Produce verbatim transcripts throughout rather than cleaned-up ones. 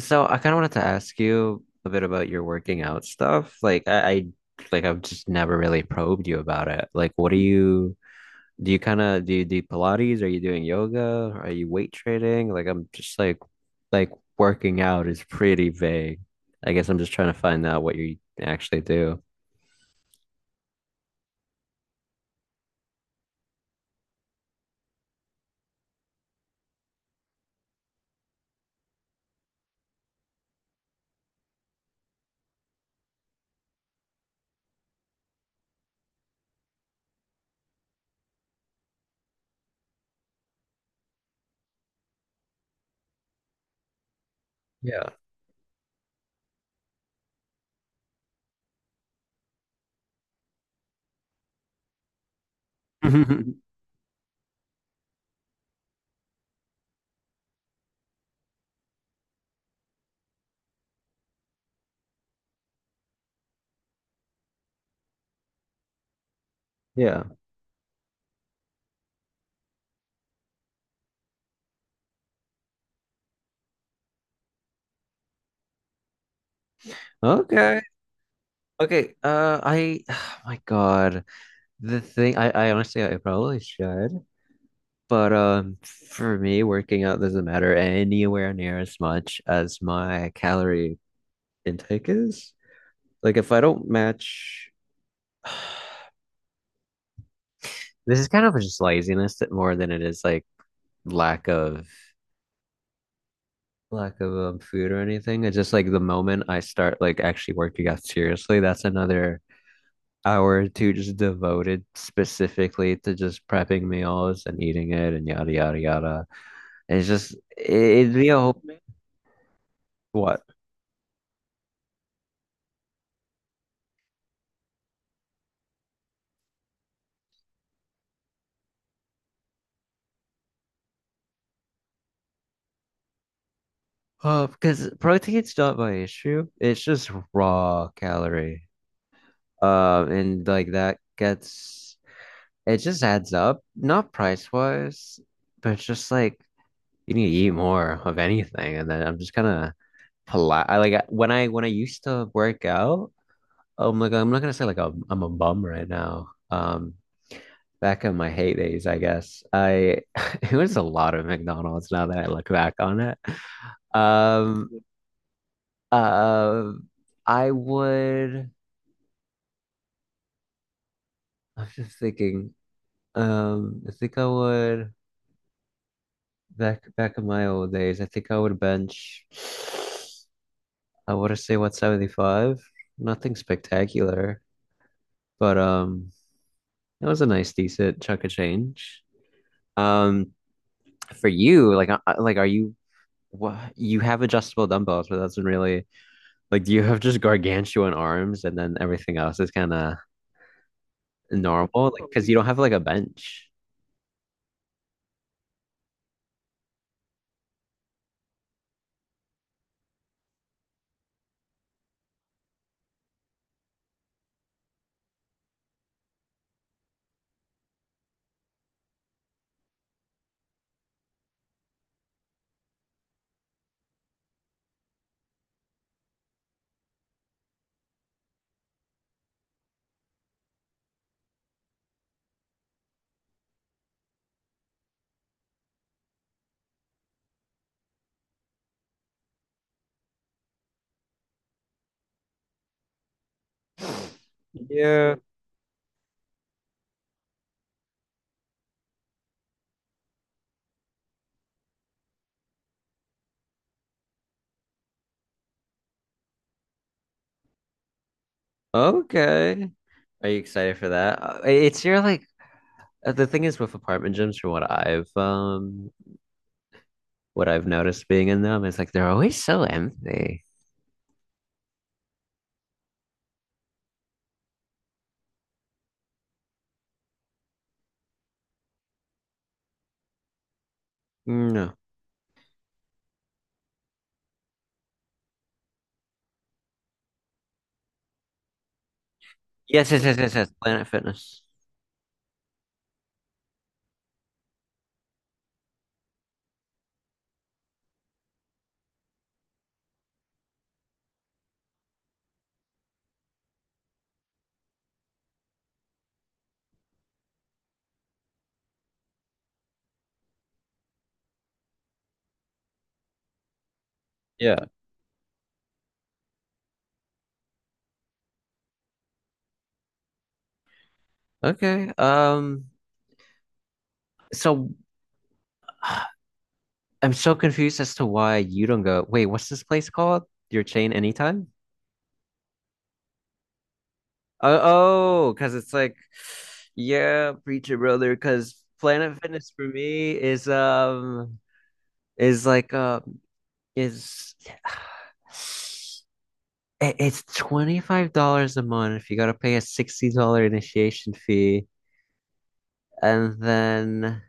So I kind of wanted to ask you a bit about your working out stuff. Like I, I like I've just never really probed you about it. Like what do you do you kind of do you do Pilates? Are you doing yoga? Are you weight training? Like I'm just like like working out is pretty vague. I guess I'm just trying to find out what you actually do. Yeah. Yeah. Okay. Okay, uh, I, my God, the thing, I, I honestly, I probably should, but um, for me, working out doesn't matter anywhere near as much as my calorie intake is. Like, if I don't match, this is kind of just laziness that more than it is like lack of lack of um, food or anything. It's just like the moment I start like actually working out seriously, that's another hour or two just devoted specifically to just prepping meals and eating it and yada yada yada. It's just it, it'd be a whole— what? Uh, because protein's not my issue. It's just raw calorie. Um, and like that gets it just adds up, not price wise, but it's just like you need to eat more of anything. And then I'm just kind of polite. I like when I when I used to work out. I'm like I'm not gonna say like I'm, I'm a bum right now. Um, back in my heydays, I guess. I it was a lot of McDonald's now that I look back on it. Um, uh, I would. I'm just thinking. Um, I think I would back back in my old days. I think I would bench. I want to say one seventy-five. Nothing spectacular, but um, it was a nice, decent chunk of change. Um, for you, like, I- I- like, are you what you have adjustable dumbbells, but that's really— like, do you have just gargantuan arms and then everything else is kind of normal? Like, because you don't have like a bench. Yeah. Okay. Are you excited for that? Uh, It's your like uh, the thing is with apartment gyms, from what I've um what I've noticed being in them is like they're always so empty. No. Yes, yes, yes, yes, yes. Planet Fitness. Yeah. Okay. Um. So I'm so confused as to why you don't go. Wait, what's this place called? Your chain anytime? Oh, because it's like, yeah, preacher brother. Because Planet Fitness for me is um is like um is it- it's twenty five dollars a month. You gotta pay a sixty dollar initiation fee, and then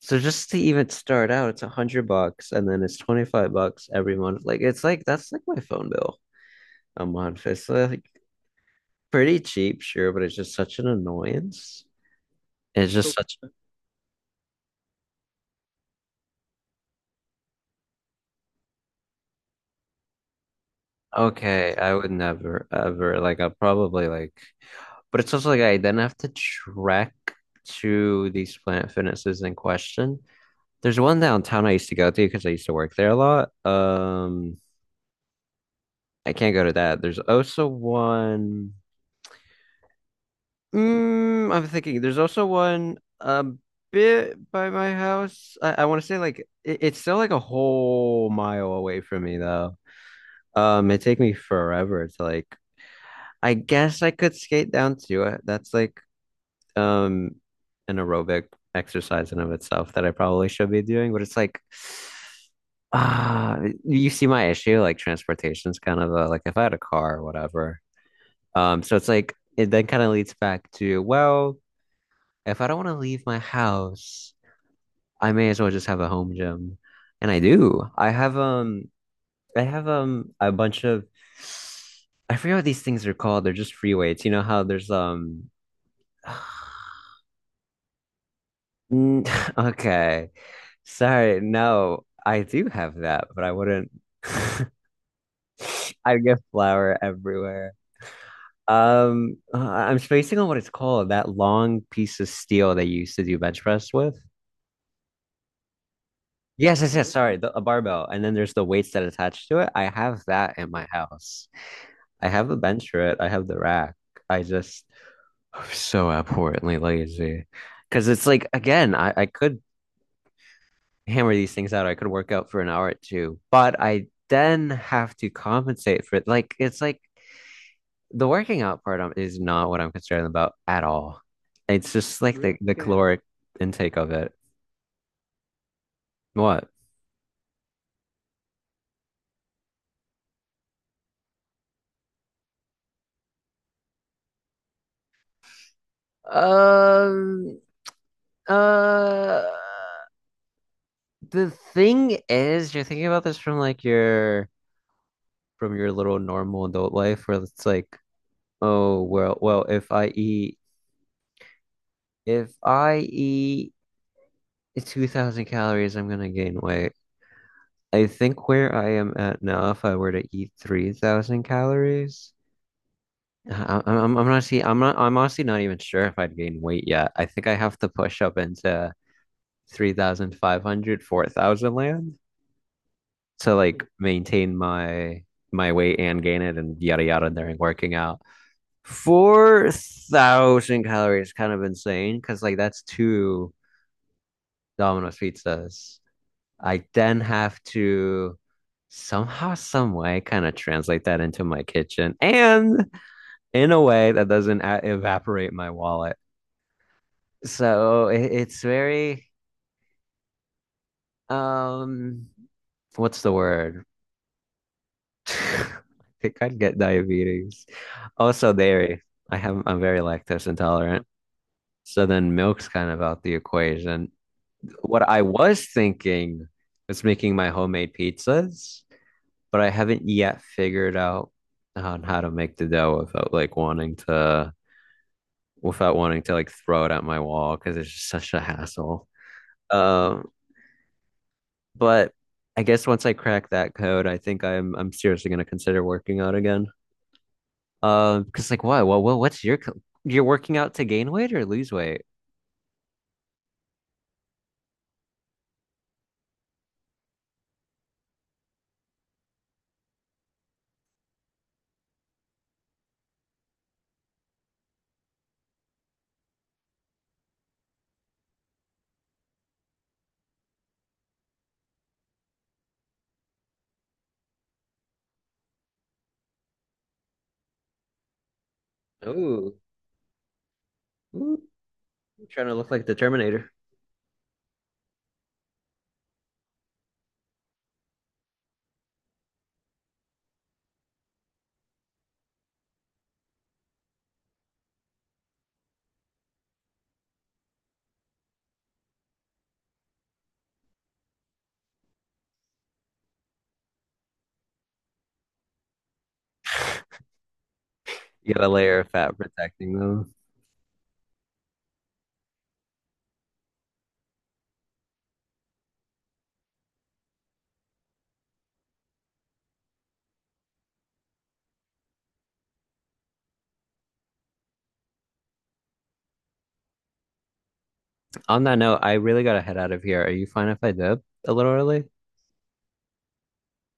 so just to even start out, it's a hundred bucks, and then it's twenty five bucks every month. Like it's like that's like my phone bill a month. It's like pretty cheap, sure, but it's just such an annoyance. It's just— oh, such— okay, I would never ever like I probably like, but it's also like I then have to trek to these Planet Fitnesses in question. There's one downtown I used to go to because I used to work there a lot. Um I can't go to that. There's also one— mm, I'm thinking there's also one a bit by my house. I, I want to say like it, it's still like a whole mile away from me though. Um, it take me forever to like— I guess I could skate down to it. That's like um an aerobic exercise in of itself that I probably should be doing, but it's like ah, you see my issue, like transportation's kind of a— like if I had a car or whatever. Um so it's like it then kind of leads back to, well, if I don't want to leave my house, I may as well just have a home gym. And I do. I have um I have um a bunch of— I forget what these things are called. They're just free weights. You know how there's um mm, okay. Sorry. No, I do have that, but I wouldn't. I get flour everywhere. Um, uh, I'm spacing on what it's called, that long piece of steel that you used to do bench press with. Yes, yes, yes. Sorry, the, a barbell. And then there's the weights that attach to it. I have that in my house. I have a bench for it. I have the rack. I just I'm so abhorrently lazy. Because it's like, again, I, I could hammer these things out. I could work out for an hour or two, but I then have to compensate for it. Like it's like the working out part um, is not what I'm concerned about at all. It's just like the, the— okay, caloric intake of it. What? Um, uh, the thing is, you're thinking about this from like your from your little normal adult life where it's like, oh well, well, if I eat if I eat two thousand calories, I'm gonna gain weight. I think where I am at now, if I were to eat three thousand calories, I- I'm, I'm, I'm honestly, I'm not, I'm honestly not even sure if I'd gain weight yet. I think I have to push up into three thousand five hundred, four thousand land to like maintain my, my weight and gain it and yada yada during working out. four thousand calories, kind of insane because like that's two Domino's pizzas. I then have to somehow, some way, kind of translate that into my kitchen and in a way that doesn't a- evaporate my wallet. So it, it's very, um, what's the word? I think I'd get diabetes. Also, dairy. I have, I'm very lactose intolerant. So then milk's kind of out the equation. What I was thinking was making my homemade pizzas, but I haven't yet figured out on how to make the dough without like wanting to without wanting to like throw it at my wall because it's just such a hassle. Um, but I guess once I crack that code, I think I'm I'm seriously gonna consider working out again. Um, because like why? Well, well, what's your co- you're working out to gain weight or lose weight? Oh, trying to look like the Terminator. You got a layer of fat protecting them. On that note, I really gotta head out of here. Are you fine if I dip a little early?